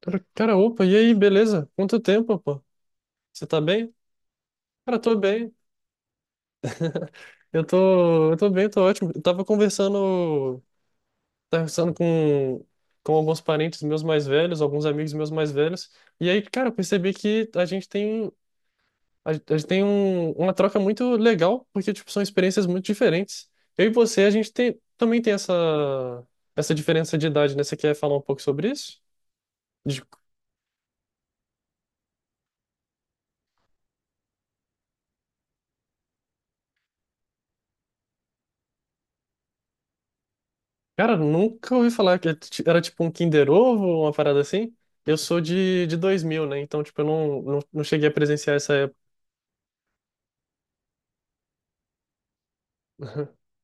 Cara, cara, opa, e aí, beleza? Quanto tempo, pô? Você tá bem? Cara, tô bem. Eu tô bem, tô ótimo. Eu tava conversando com alguns parentes meus mais velhos, alguns amigos meus mais velhos. E aí, cara, eu percebi que a gente tem, uma troca muito legal, porque, tipo, são experiências muito diferentes. Eu e você, também tem essa diferença de idade, né? Você quer falar um pouco sobre isso? Cara, nunca ouvi falar que era tipo um Kinder Ovo ou uma parada assim. Eu sou de 2000, né? Então, tipo, eu não cheguei a presenciar essa época.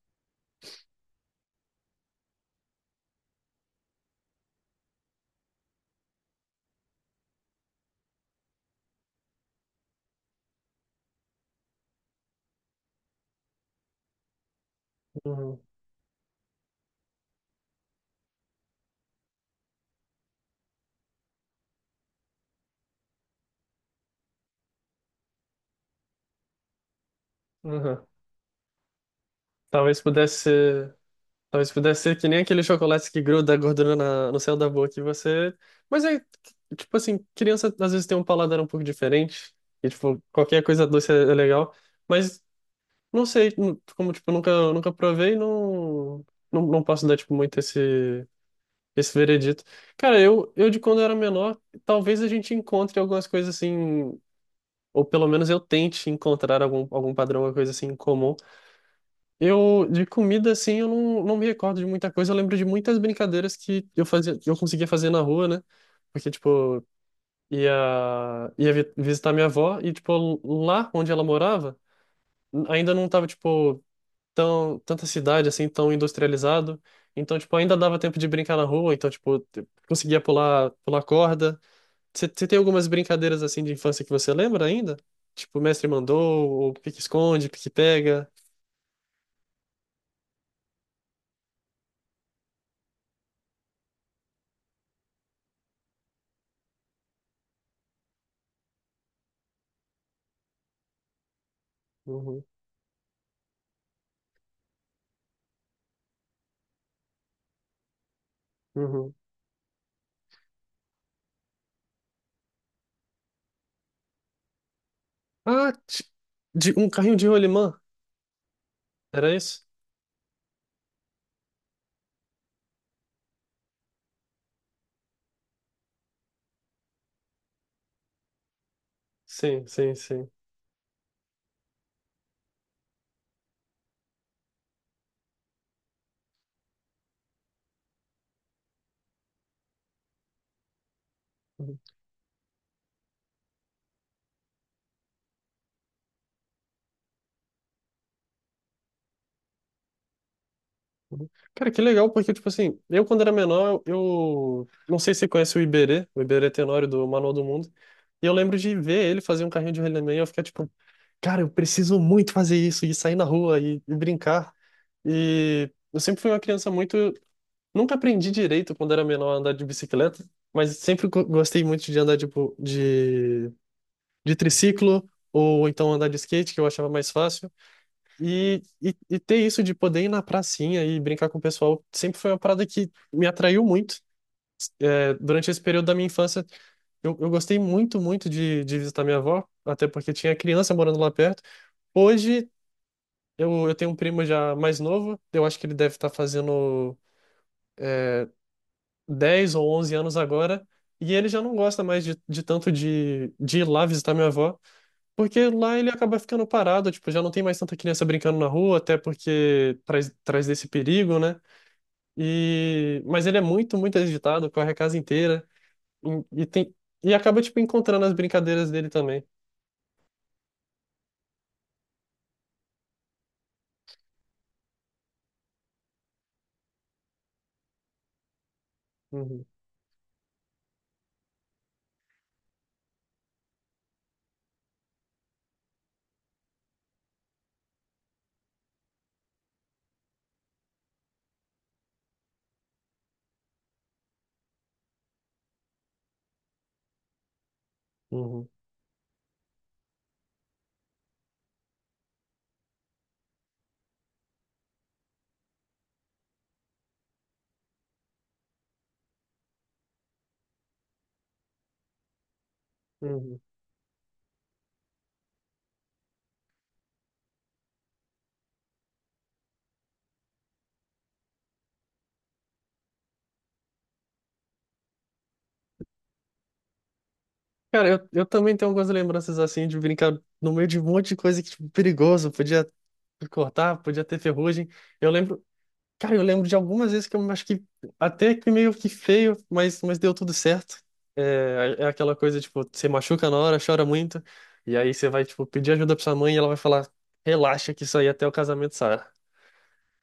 Uhum, uhum. Talvez pudesse ser, talvez pudesse ser que nem aquele chocolate que gruda a gordura no céu da boca e você. Mas é, tipo assim, criança às vezes tem um paladar um pouco diferente. E, tipo, qualquer coisa doce é legal. Mas não sei, como, tipo, eu nunca provei. Não, não posso dar, tipo, muito esse. Esse veredito. Cara, eu de quando eu era menor, talvez a gente encontre algumas coisas assim, ou pelo menos eu tente encontrar algum padrão, alguma coisa assim em comum. Eu, de comida, assim, eu não me recordo de muita coisa. Eu lembro de muitas brincadeiras que eu fazia, que eu conseguia fazer na rua, né? Porque, tipo, ia, visitar minha avó e, tipo, lá onde ela morava, ainda não tava, tipo, tanta cidade assim, tão industrializado. Então, tipo, ainda dava tempo de brincar na rua, então, tipo, conseguia pular corda. Você tem algumas brincadeiras assim de infância que você lembra ainda? Tipo, mestre mandou, ou pique-esconde, pique-pega. Uhum, uhum. Ah, um carrinho de rolimã, era isso? Sim, sim, sim. Uhum, uhum. Cara, que legal, porque, tipo assim, eu quando era menor, eu não sei se você conhece o Iberê Tenório do Manual do Mundo, e eu lembro de ver ele fazer um carrinho de He-Man e eu ficar tipo, cara, eu preciso muito fazer isso, e sair na rua e brincar. E eu sempre fui uma criança muito. Nunca aprendi direito quando era menor a andar de bicicleta, mas sempre gostei muito de andar de, de triciclo, ou então andar de skate, que eu achava mais fácil. E ter isso de poder ir na pracinha e brincar com o pessoal sempre foi uma parada que me atraiu muito. É, durante esse período da minha infância, eu gostei muito, muito de visitar minha avó, até porque tinha criança morando lá perto. Hoje, eu tenho um primo já mais novo, eu acho que ele deve estar fazendo 10 ou 11 anos agora, e ele já não gosta mais de tanto de ir lá visitar minha avó, porque lá ele acaba ficando parado, tipo, já não tem mais tanta criança brincando na rua, até porque traz desse perigo, né? E... Mas ele é muito, muito agitado, corre a casa inteira. E tem... e acaba, tipo, encontrando as brincadeiras dele também. Uhum, uhum, uhum. Cara, eu também tenho algumas lembranças, assim, de brincar no meio de um monte de coisa que, tipo, perigoso. Podia cortar, podia ter ferrugem. Eu lembro... Cara, eu lembro de algumas vezes que eu acho que até que meio que feio, mas deu tudo certo. É aquela coisa, tipo, você machuca na hora, chora muito, e aí você vai, tipo, pedir ajuda pra sua mãe e ela vai falar, relaxa que isso aí até o casamento sai.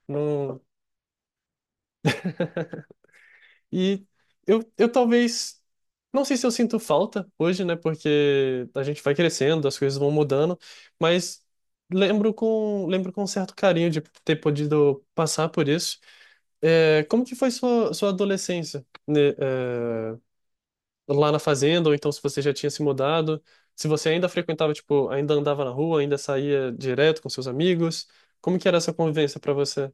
Não... E eu talvez. Não sei se eu sinto falta hoje, né? Porque a gente vai crescendo, as coisas vão mudando, mas lembro com um certo carinho de ter podido passar por isso. É, como que foi sua adolescência, né, é, lá na fazenda, ou então se você já tinha se mudado, se você ainda frequentava, tipo, ainda andava na rua, ainda saía direto com seus amigos, como que era essa convivência para você?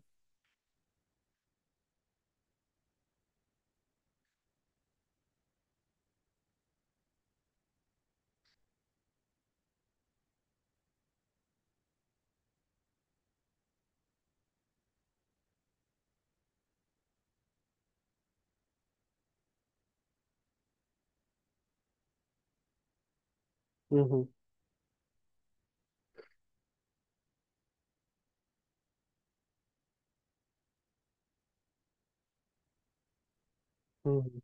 Uhum, uhum.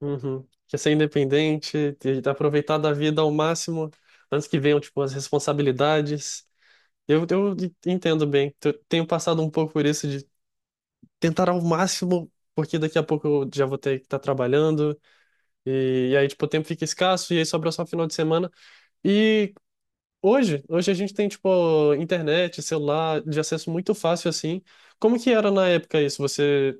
Uhum. Quer ser independente, aproveitar da vida ao máximo, antes que venham, tipo, as responsabilidades. Eu entendo bem. Tenho passado um pouco por isso de tentar ao máximo, porque daqui a pouco eu já vou ter que estar trabalhando, e aí, tipo, o tempo fica escasso, e aí sobra só final de semana. E hoje a gente tem, tipo, internet, celular, de acesso muito fácil, assim. Como que era na época isso? Você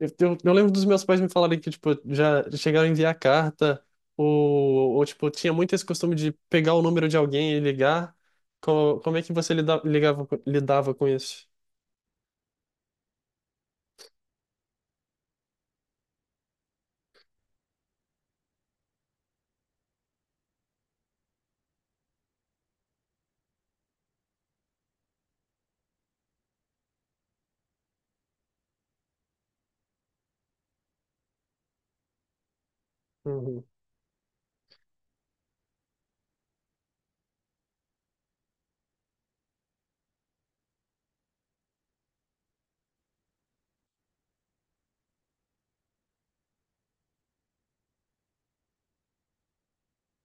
Eu, eu- eu lembro dos meus pais me falarem que, tipo, já chegaram a enviar carta, ou tipo, tinha muito esse costume de pegar o número de alguém e ligar. Como é que você lidava com isso? Uhum,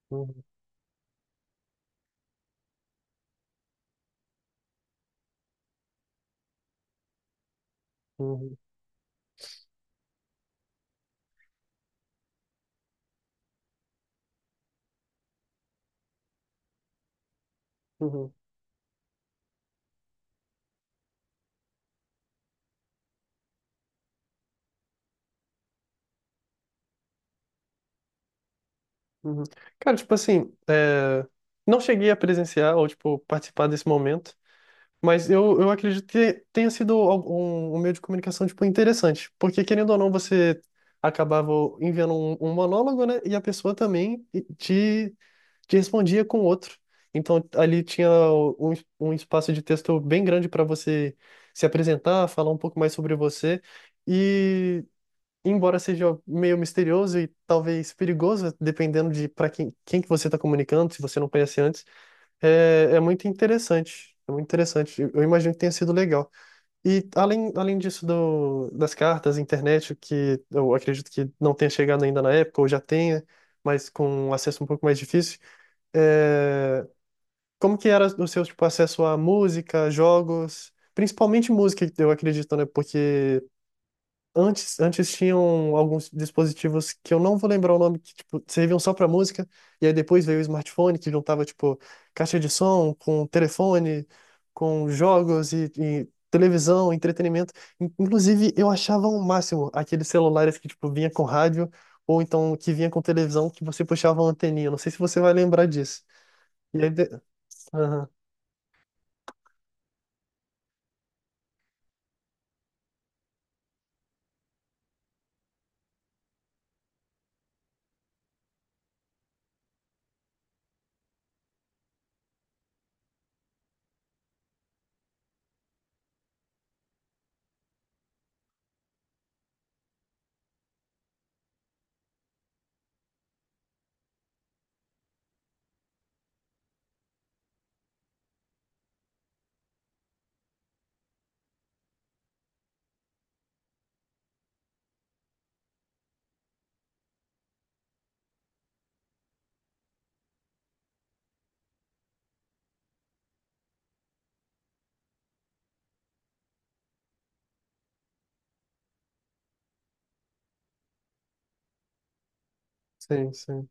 uhum, uhum, uhum, uhum. Cara, tipo assim, é, não cheguei a presenciar ou, tipo, participar desse momento. Mas eu acredito que tenha sido algum, um um meio de comunicação, tipo, interessante. Porque, querendo ou não, você acabava enviando um monólogo, né? E a pessoa também te, te respondia com outro. Então, ali tinha um, um espaço de texto bem grande para você se apresentar, falar um pouco mais sobre você. E, embora seja meio misterioso e talvez perigoso, dependendo de para quem que você está comunicando, se você não conhece antes, é muito interessante. É muito interessante. Eu imagino que tenha sido legal. E além disso das cartas, internet, que eu acredito que não tenha chegado ainda na época, ou já tenha, mas com um acesso um pouco mais difícil, é, como que era o seu tipo, acesso à música, jogos, principalmente música, eu acredito, né? Porque antes tinham alguns dispositivos que eu não vou lembrar o nome, que tipo, serviam só para música, e aí depois veio o smartphone, que juntava tipo caixa de som com telefone, com jogos e televisão, entretenimento. Inclusive, eu achava o máximo aqueles celulares que tipo vinha com rádio ou então que vinha com televisão que você puxava uma anteninha. Não sei se você vai lembrar disso. E aí de... Aham, sim, sim.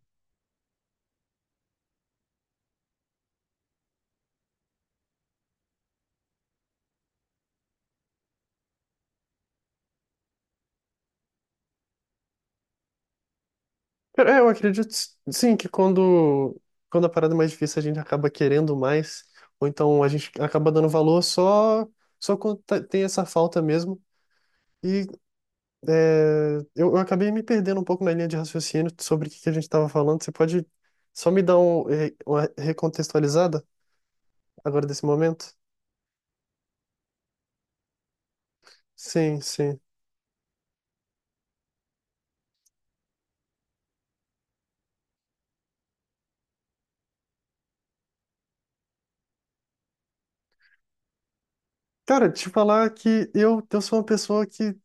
Cara, eu acredito sim que quando a parada é mais difícil a gente acaba querendo mais, ou então a gente acaba dando valor só quando tem essa falta mesmo. E eu acabei me perdendo um pouco na linha de raciocínio sobre o que que a gente estava falando. Você pode só me dar uma recontextualizada agora desse momento? Sim, sim. Cara, te falar que eu sou uma pessoa que.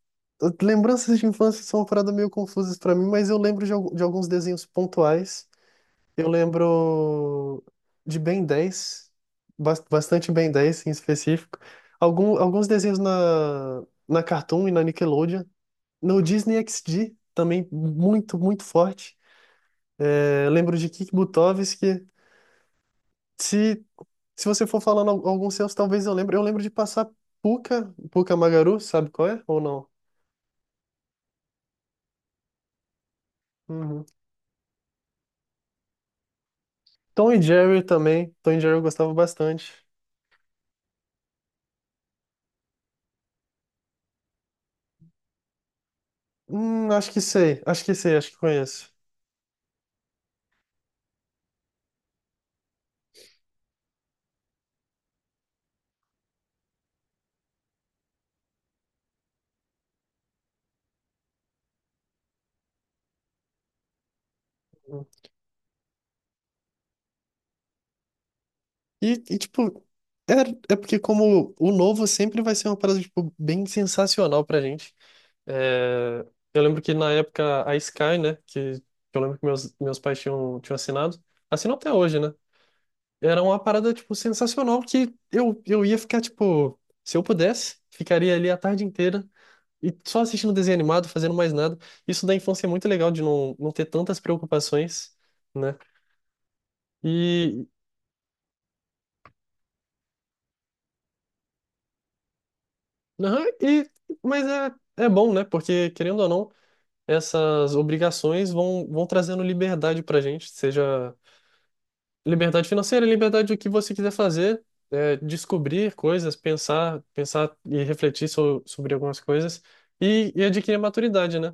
Lembranças de infância são uma parada meio confusas para mim, mas eu lembro de alguns desenhos pontuais. Eu lembro de Ben 10, bastante Ben 10 em específico. Alguns desenhos na Cartoon e na Nickelodeon. No Disney XD também, muito, muito forte. É, lembro de Kik Butovski. Se, se você for falando alguns seus, talvez eu lembre. Eu lembro de passar Pucca, Pucca Magaru, sabe qual é? Ou não? Uhum. Tom e Jerry também. Tom e Jerry eu gostava bastante. Acho que sei, acho que sei, acho que conheço. E, tipo, é, é porque como o novo sempre vai ser uma parada, tipo, bem sensacional pra gente. É, eu lembro que na época a Sky, né, que eu lembro que meus pais tinham, tinham assinado, assinam até hoje, né? Era uma parada, tipo, sensacional que eu ia ficar, tipo, se eu pudesse, ficaria ali a tarde inteira e só assistindo desenho animado, fazendo mais nada. Isso da infância é muito legal de não ter tantas preocupações, né? Aham, e, mas é bom, né? Porque, querendo ou não, essas obrigações vão trazendo liberdade pra gente, seja liberdade financeira, liberdade do que você quiser fazer, é, descobrir coisas, pensar e refletir sobre algumas coisas e adquirir maturidade, né?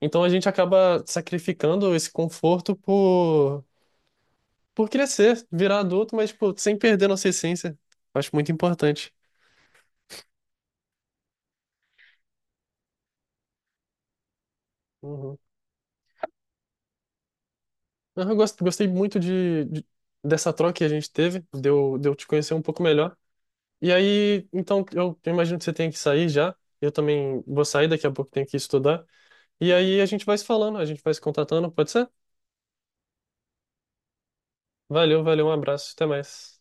Então a gente acaba sacrificando esse conforto por crescer, virar adulto, mas, tipo, sem perder nossa essência. Acho muito importante. Não, eu gostei muito dessa troca que a gente teve, de eu te conhecer um pouco melhor. E aí, então, eu imagino que você tenha que sair já. Eu também vou sair, daqui a pouco tenho que estudar. E aí a gente vai se falando, a gente vai se contatando, pode ser? Valeu, valeu, um abraço, até mais.